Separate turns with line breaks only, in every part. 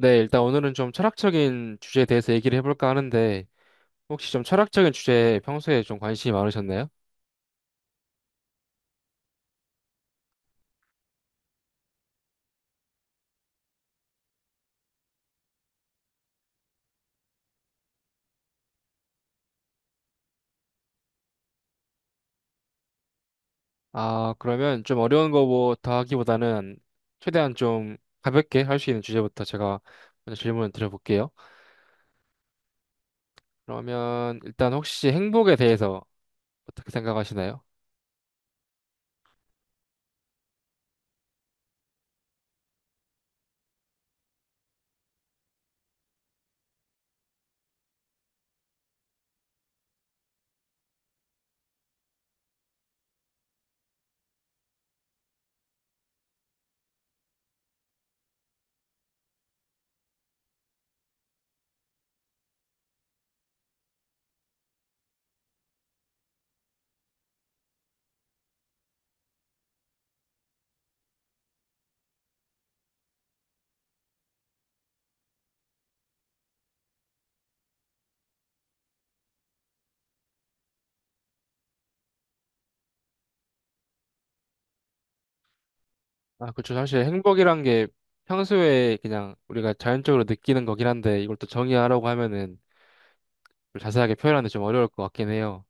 네, 일단 오늘은 좀 철학적인 주제에 대해서 얘기를 해볼까 하는데, 혹시 좀 철학적인 주제에 평소에 좀 관심이 많으셨나요? 아, 그러면 좀 어려운 거부터 하기보다는 최대한 좀 가볍게 할 수 있는 주제부터 제가 먼저 질문을 드려볼게요. 그러면 일단 혹시 행복에 대해서 어떻게 생각하시나요? 아, 그렇죠. 사실 행복이란 게 평소에 그냥 우리가 자연적으로 느끼는 거긴 한데, 이걸 또 정의하라고 하면은 좀 자세하게 표현하는 게 좀 어려울 것 같긴 해요.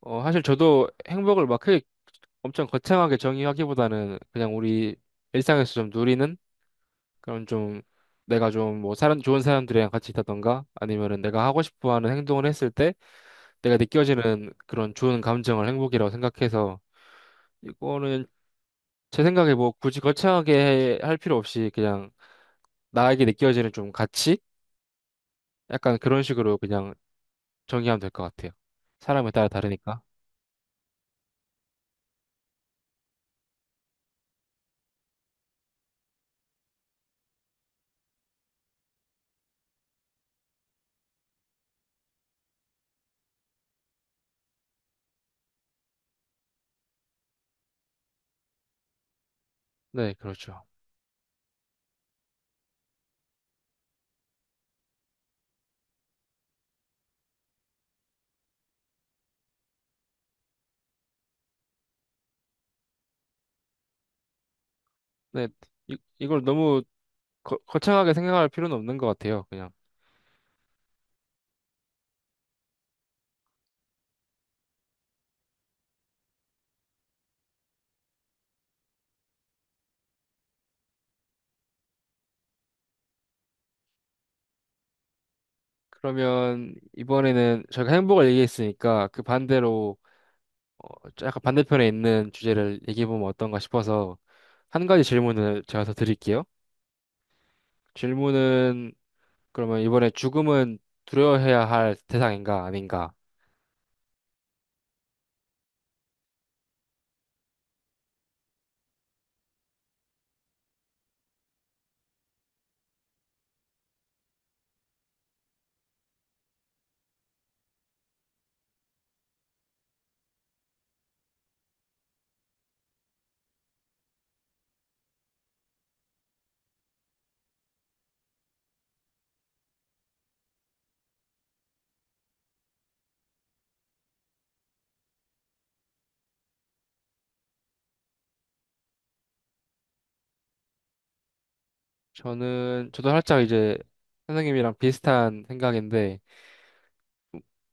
사실 저도 행복을 막 크게 엄청 거창하게 정의하기보다는, 그냥 우리 일상에서 좀 누리는 그런 좀, 내가 좀 뭐 사람 좋은 사람들이랑 같이 있다던가 아니면은 내가 하고 싶어 하는 행동을 했을 때 내가 느껴지는 그런 좋은 감정을 행복이라고 생각해서, 이거는 제 생각에 뭐 굳이 거창하게 할 필요 없이 그냥 나에게 느껴지는 좀 가치? 약간 그런 식으로 그냥 정의하면 될 것 같아요. 사람에 따라 다르니까. 네, 그렇죠. 네, 이걸 너무 거창하게 생각할 필요는 없는 것 같아요. 그냥. 그러면 이번에는 저희가 행복을 얘기했으니까 그 반대로, 약간 반대편에 있는 주제를 얘기해보면 어떤가 싶어서 한 가지 질문을 제가 더 드릴게요. 질문은, 그러면 이번에 죽음은 두려워해야 할 대상인가 아닌가? 저는, 저도 살짝 이제 선생님이랑 비슷한 생각인데,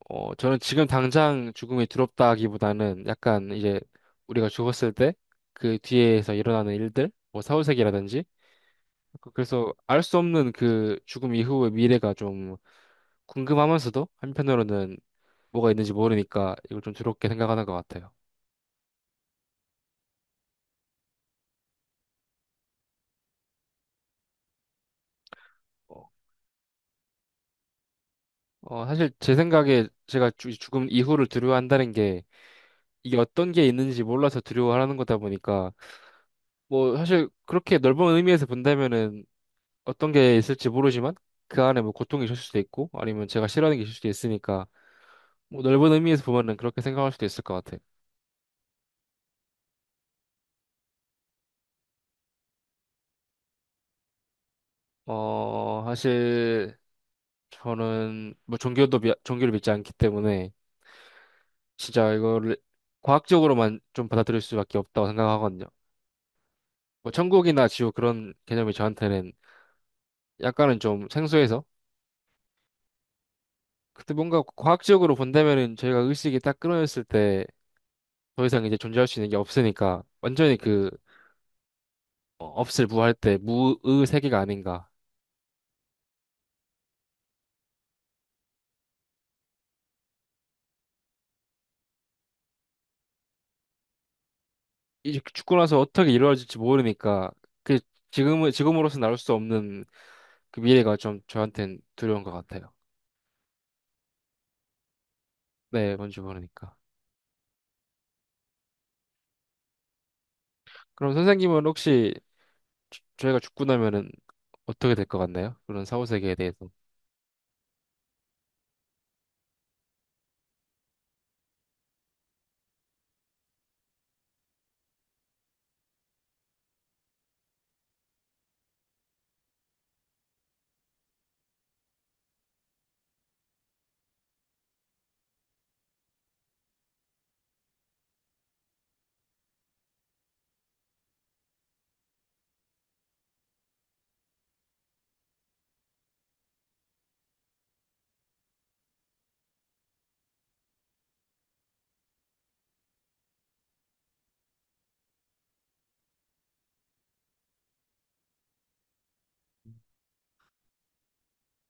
저는 지금 당장 죽음이 두렵다기보다는 약간 이제 우리가 죽었을 때 그 뒤에서 일어나는 일들, 뭐 사후세계라든지, 그래서 알 수 없는 그 죽음 이후의 미래가 좀 궁금하면서도, 한편으로는 뭐가 있는지 모르니까 이걸 좀 두렵게 생각하는 것 같아요. 어, 사실 제 생각에 제가 죽음 이후를 두려워한다는 게, 이게 어떤 게 있는지 몰라서 두려워하는 거다 보니까, 뭐 사실 그렇게 넓은 의미에서 본다면은, 어떤 게 있을지 모르지만 그 안에 뭐 고통이 있을 수도 있고 아니면 제가 싫어하는 게 있을 수도 있으니까, 뭐 넓은 의미에서 보면은 그렇게 생각할 수도 있을 것 같아요. 사실 저는 뭐 종교도, 종교를 믿지 않기 때문에 진짜 이거를 과학적으로만 좀 받아들일 수밖에 없다고 생각하거든요. 뭐 천국이나 지옥 그런 개념이 저한테는 약간은 좀 생소해서, 그때 뭔가 과학적으로 본다면은, 저희가 의식이 딱 끊어졌을 때 더 이상 이제 존재할 수 있는 게 없으니까, 완전히 그, 없을 무할 때 무의 세계가 아닌가. 이제 죽고 나서 어떻게 이루어질지 모르니까, 그 지금은 지금으로서 나올 수 없는 그 미래가 좀 저한테는 두려운 것 같아요. 네, 뭔지 모르니까. 그럼 선생님은 혹시, 저희가 죽고 나면은 어떻게 될 것 같나요? 그런 사후 세계에 대해서.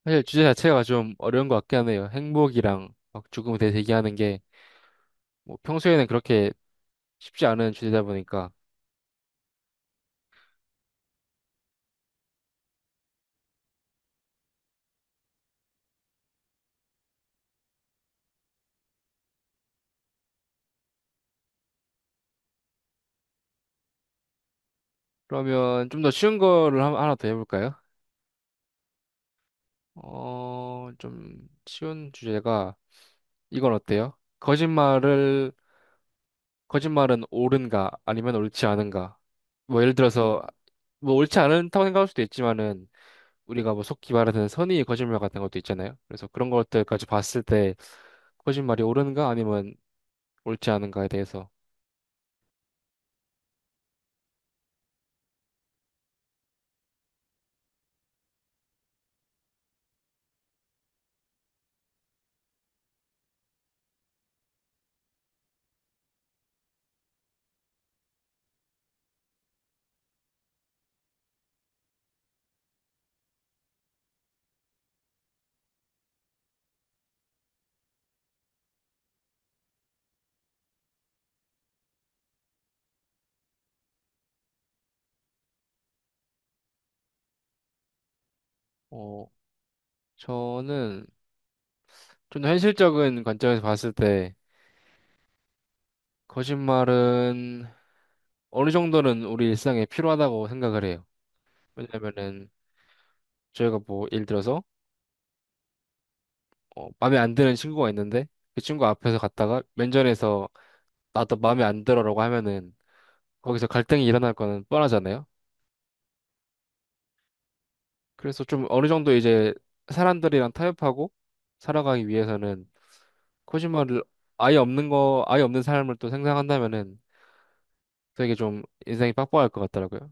사실 주제 자체가 좀 어려운 것 같긴 하네요. 행복이랑 막 죽음에 대해서 얘기하는 게, 뭐 평소에는 그렇게 쉽지 않은 주제다 보니까. 그러면 좀 더 쉬운 거를 하나 더 해볼까요? 좀 쉬운 주제가, 이건 어때요? 거짓말을 거짓말은 옳은가 아니면 옳지 않은가? 뭐 예를 들어서, 뭐 옳지 않다고 생각할 수도 있지만은, 우리가 뭐 속기 말하는 선의의 거짓말 같은 것도 있잖아요. 그래서 그런 것들까지 봤을 때 거짓말이 옳은가 아니면 옳지 않은가에 대해서. 어 저는 좀 더 현실적인 관점에서 봤을 때 거짓말은 어느 정도는 우리 일상에 필요하다고 생각을 해요. 왜냐면은 저희가 뭐 예를 들어서, 마음에 안 드는 친구가 있는데 그 친구 앞에서 갔다가 면전에서 나도 마음에 안 들어라고 하면은 거기서 갈등이 일어날 거는 뻔하잖아요. 그래서 좀 어느 정도 이제 사람들이랑 타협하고 살아가기 위해서는, 코지마를 아예 없는 거, 아예 없는 사람을 또 생각한다면은 되게 좀 인생이 빡빡할 것 같더라고요.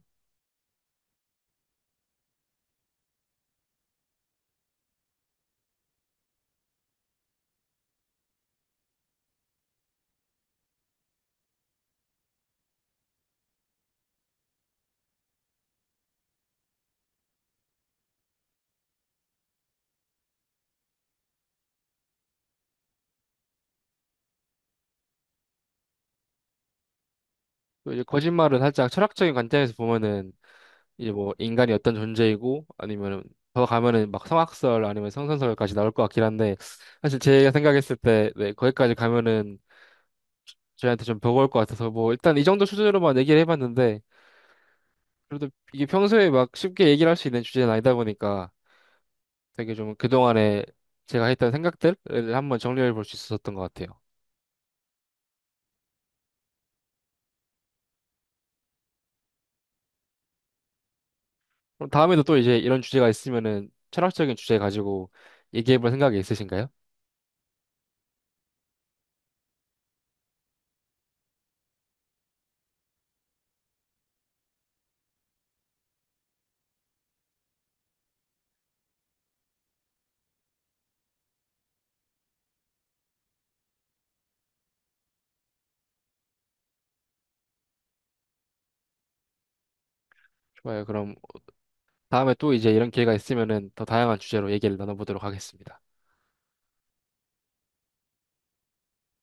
또 이제 거짓말은 살짝 철학적인 관점에서 보면은, 이제 뭐 인간이 어떤 존재이고 아니면은, 더 가면은 막 성악설 아니면 성선설까지 나올 것 같긴 한데, 사실 제가 생각했을 때 네, 거기까지 가면은 저희한테 좀 버거울 것 같아서 뭐 일단 이 정도 수준으로만 얘기를 해봤는데, 그래도 이게 평소에 막 쉽게 얘기를 할 수 있는 주제는 아니다 보니까, 되게 좀 그동안에 제가 했던 생각들을 한번 정리해 볼 수 있었던 것 같아요. 그럼 다음에도 또 이제 이런 주제가 있으면은, 철학적인 주제 가지고 얘기해 볼 생각이 있으신가요? 좋아요. 그럼 다음에 또 이제 이런 기회가 있으면은 더 다양한 주제로 얘기를 나눠보도록 하겠습니다.